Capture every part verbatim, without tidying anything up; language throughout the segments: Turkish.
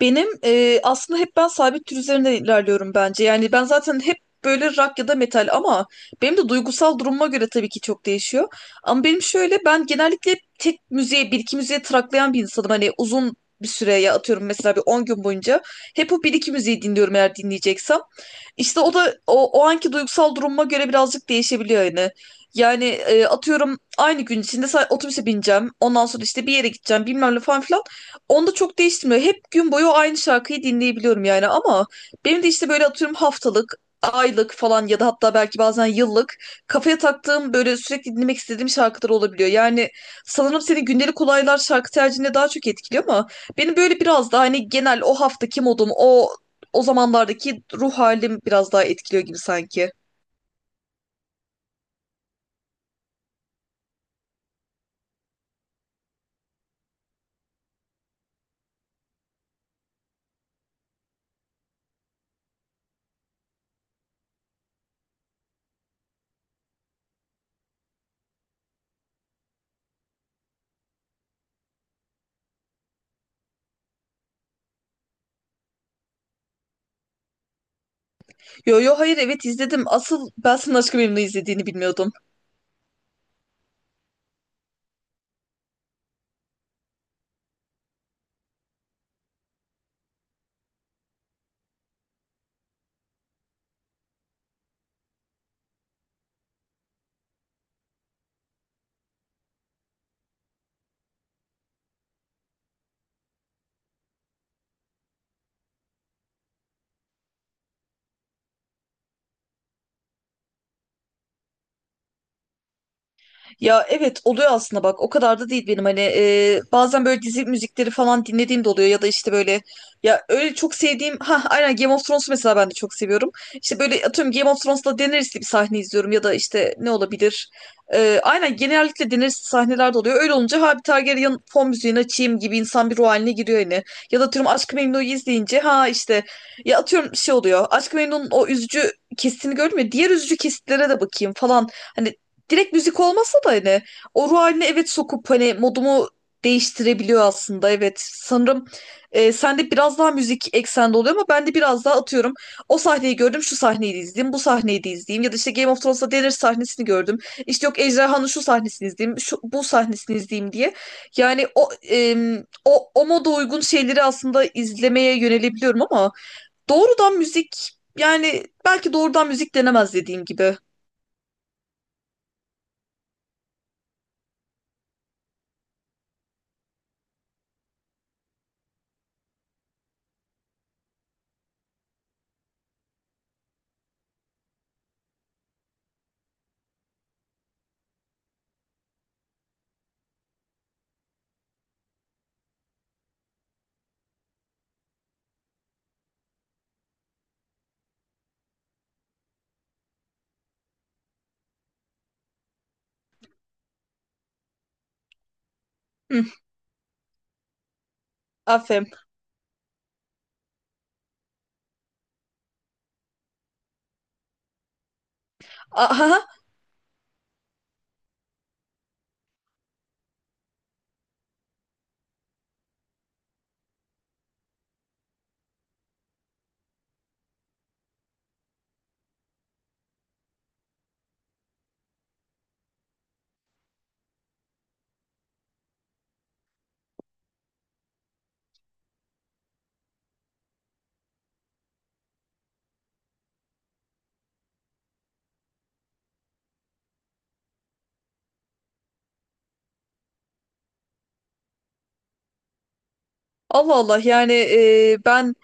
Benim e, aslında hep ben sabit tür üzerinde ilerliyorum bence. Yani ben zaten hep böyle rock ya da metal, ama benim de duygusal durumuma göre tabii ki çok değişiyor. Ama benim şöyle, ben genellikle hep tek müziğe, bir iki müziğe traklayan bir insanım. Hani uzun bir süre, ya atıyorum mesela bir on gün boyunca hep o bir iki müziği dinliyorum eğer dinleyeceksem. İşte o da o, o anki duygusal durumuma göre birazcık değişebiliyor yani. Yani e, atıyorum, aynı gün içinde sa- otobüse bineceğim. Ondan sonra işte bir yere gideceğim, bilmem ne falan filan. Onda çok değiştirmiyor. Hep gün boyu aynı şarkıyı dinleyebiliyorum yani, ama benim de işte böyle atıyorum haftalık, aylık falan, ya da hatta belki bazen yıllık kafaya taktığım böyle sürekli dinlemek istediğim şarkılar olabiliyor. Yani sanırım seni gündelik olaylar, şarkı tercihine daha çok etkiliyor, ama benim böyle biraz daha hani genel o haftaki modum, o o zamanlardaki ruh halim biraz daha etkiliyor gibi sanki. Yo yo, hayır, evet izledim. Asıl ben senin aşkı memnu izlediğini bilmiyordum. Ya evet, oluyor aslında, bak o kadar da değil benim hani. E, bazen böyle dizi müzikleri falan dinlediğim de oluyor, ya da işte böyle, ya öyle çok sevdiğim, ha aynen, Game of Thrones'u mesela ben de çok seviyorum. İşte böyle atıyorum, Game of Thrones'la Daenerys'li bir sahne izliyorum, ya da işte ne olabilir. E, aynen, genellikle Daenerys'li sahneler de oluyor, öyle olunca ha, bir Targaryen fon müziğini açayım gibi insan bir ruh haline giriyor yani. Ya da atıyorum Aşk-ı Memnu'yu izleyince, ha işte, ya atıyorum şey oluyor, Aşk-ı Memnu'nun o üzücü kesitini gördüm ya, diğer üzücü kesitlere de bakayım falan. Hani direkt müzik olmasa da hani o ruh haline, evet, sokup hani modumu değiştirebiliyor aslında, evet sanırım e, sende biraz daha müzik eksende oluyor, ama ben de biraz daha atıyorum, o sahneyi gördüm, şu sahneyi de izleyeyim, bu sahneyi de izleyeyim, ya da işte Game of Thrones'ta Daenerys sahnesini gördüm, işte yok, Ejderhan'ın şu sahnesini izleyeyim, şu, bu sahnesini izleyeyim diye. Yani o em, o, o moda uygun şeyleri aslında izlemeye yönelebiliyorum, ama doğrudan müzik, yani belki doğrudan müzik denemez dediğim gibi. Hı, aferin. Allah Allah, yani e, ben,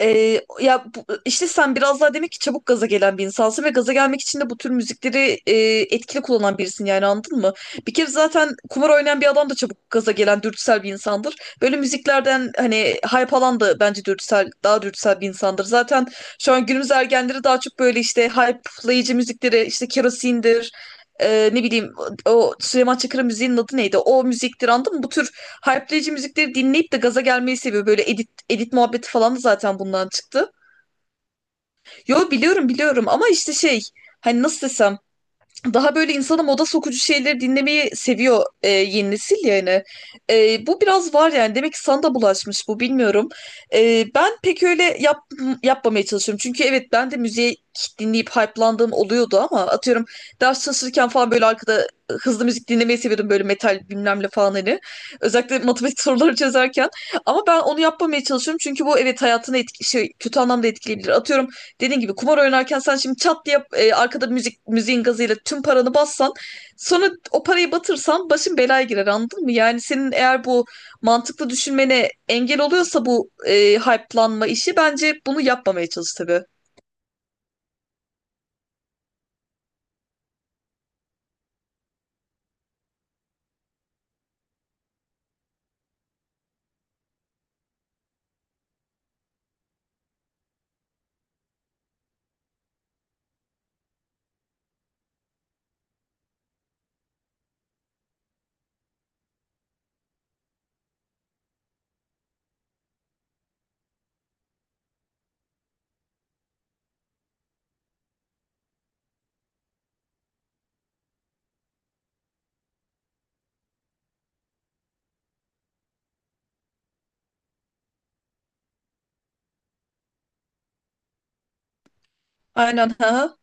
ee, ya bu- işte sen biraz daha demek ki çabuk gaza gelen bir insansın, ve gaza gelmek için de bu tür müzikleri e, etkili kullanan birisin yani, anladın mı? Bir kere zaten kumar oynayan bir adam da çabuk gaza gelen dürtüsel bir insandır. Böyle müziklerden hani hype alan da bence dürtüsel, daha dürtüsel bir insandır. Zaten şu an günümüz ergenleri daha çok böyle işte hype'layıcı müzikleri, işte kerosindir. E, ne bileyim, o Süleyman Çakır'ın müziğinin adı neydi? O müziktir, anladın mı? Bu tür hype'layıcı müzikleri dinleyip de gaza gelmeyi seviyor. Böyle edit muhabbeti falan da zaten bundan çıktı. Yo, biliyorum biliyorum, ama işte şey, hani nasıl desem, daha böyle insana moda sokucu şeyleri dinlemeyi seviyor e, yeni nesil yani. E, bu biraz var yani. Demek ki sana da bulaşmış bu, bilmiyorum. E, ben pek öyle yap, yapmamaya çalışıyorum. Çünkü evet, ben de müziği dinleyip hype'landığım oluyordu, ama atıyorum ders çalışırken falan böyle arkada hızlı müzik dinlemeyi seviyordum, böyle metal bilmem ne falan hani. Özellikle matematik soruları çözerken. Ama ben onu yapmamaya çalışıyorum, çünkü bu, evet, hayatını etki, şey, kötü anlamda etkileyebilir. Atıyorum, dediğin gibi kumar oynarken sen şimdi çat diye e, arkada müzik müziğin gazıyla tüm paranı bassan, sonra o parayı batırsan başın belaya girer, anladın mı? Yani senin eğer bu mantıklı düşünmene engel oluyorsa bu e, hype'lanma işi, bence bunu yapmamaya çalış tabii. Aynen ha.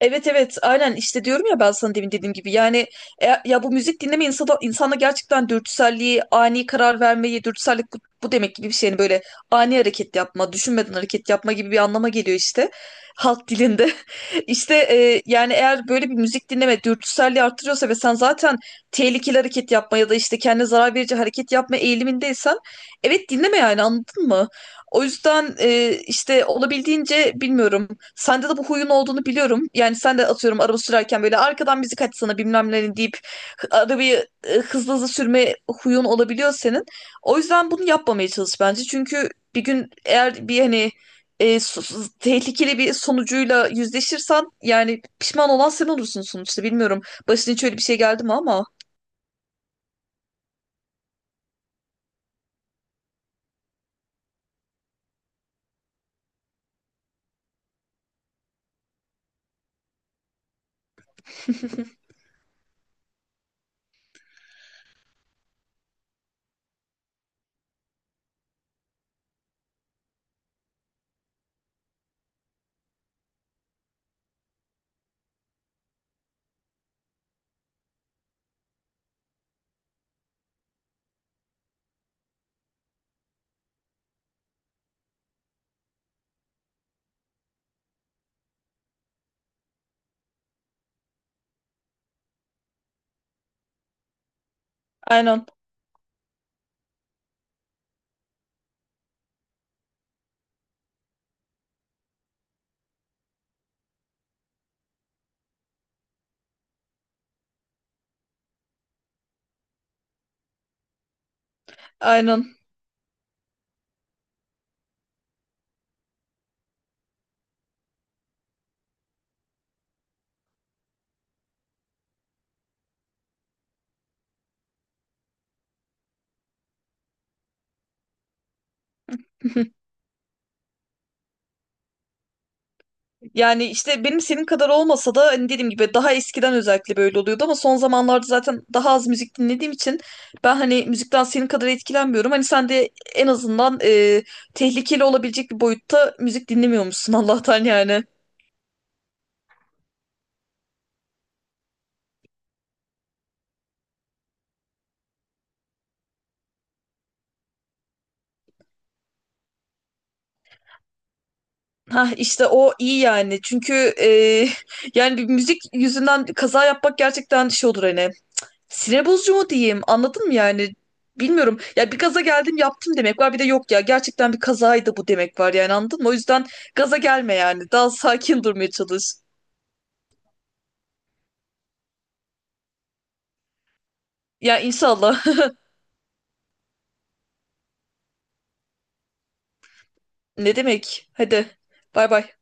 Evet evet, aynen işte, diyorum ya, ben sana demin dediğim gibi yani, e, ya bu müzik dinleme insana, insana gerçekten dürtüselliği, ani karar vermeyi, dürtüsellik bu, bu demek gibi bir şey yani, böyle ani hareket yapma, düşünmeden hareket yapma gibi bir anlama geliyor, işte halk dilinde. işte e, yani, eğer böyle bir müzik dinleme dürtüselliği artırıyorsa, ve sen zaten tehlikeli hareket yapma ya da işte kendine zarar verici hareket yapma eğilimindeysen, evet dinleme yani, anladın mı? O yüzden e, işte olabildiğince, bilmiyorum. Sende de bu huyun olduğunu biliyorum. Yani sen de atıyorum araba sürerken böyle arkadan müzik açsana bilmem ne deyip hı- arabayı e, hızlı hızlı sürme huyun olabiliyor senin. O yüzden bunu yapmamaya çalış bence. Çünkü bir gün eğer bir hani e, su- su- tehlikeli bir sonucuyla yüzleşirsen, yani pişman olan sen olursun sonuçta. Bilmiyorum. Başına hiç öyle bir şey geldi mi ama? Aynen. Aynen. Yani işte benim senin kadar olmasa da, hani dediğim gibi, daha eskiden özellikle böyle oluyordu, ama son zamanlarda zaten daha az müzik dinlediğim için ben hani müzikten senin kadar etkilenmiyorum. Hani sen de en azından e, tehlikeli olabilecek bir boyutta müzik dinlemiyormuşsun, Allah'tan yani. Ha işte o iyi yani, çünkü e, yani bir müzik yüzünden kaza yapmak gerçekten şey olur hani, sinir bozucu mu diyeyim? Anladın mı yani? Bilmiyorum. Ya bir gaza geldim yaptım demek var. Bir de, yok ya, gerçekten bir kazaydı bu demek var yani, anladın mı? O yüzden gaza gelme yani. Daha sakin durmaya çalış. Ya inşallah. Ne demek? Hadi. Bay bay.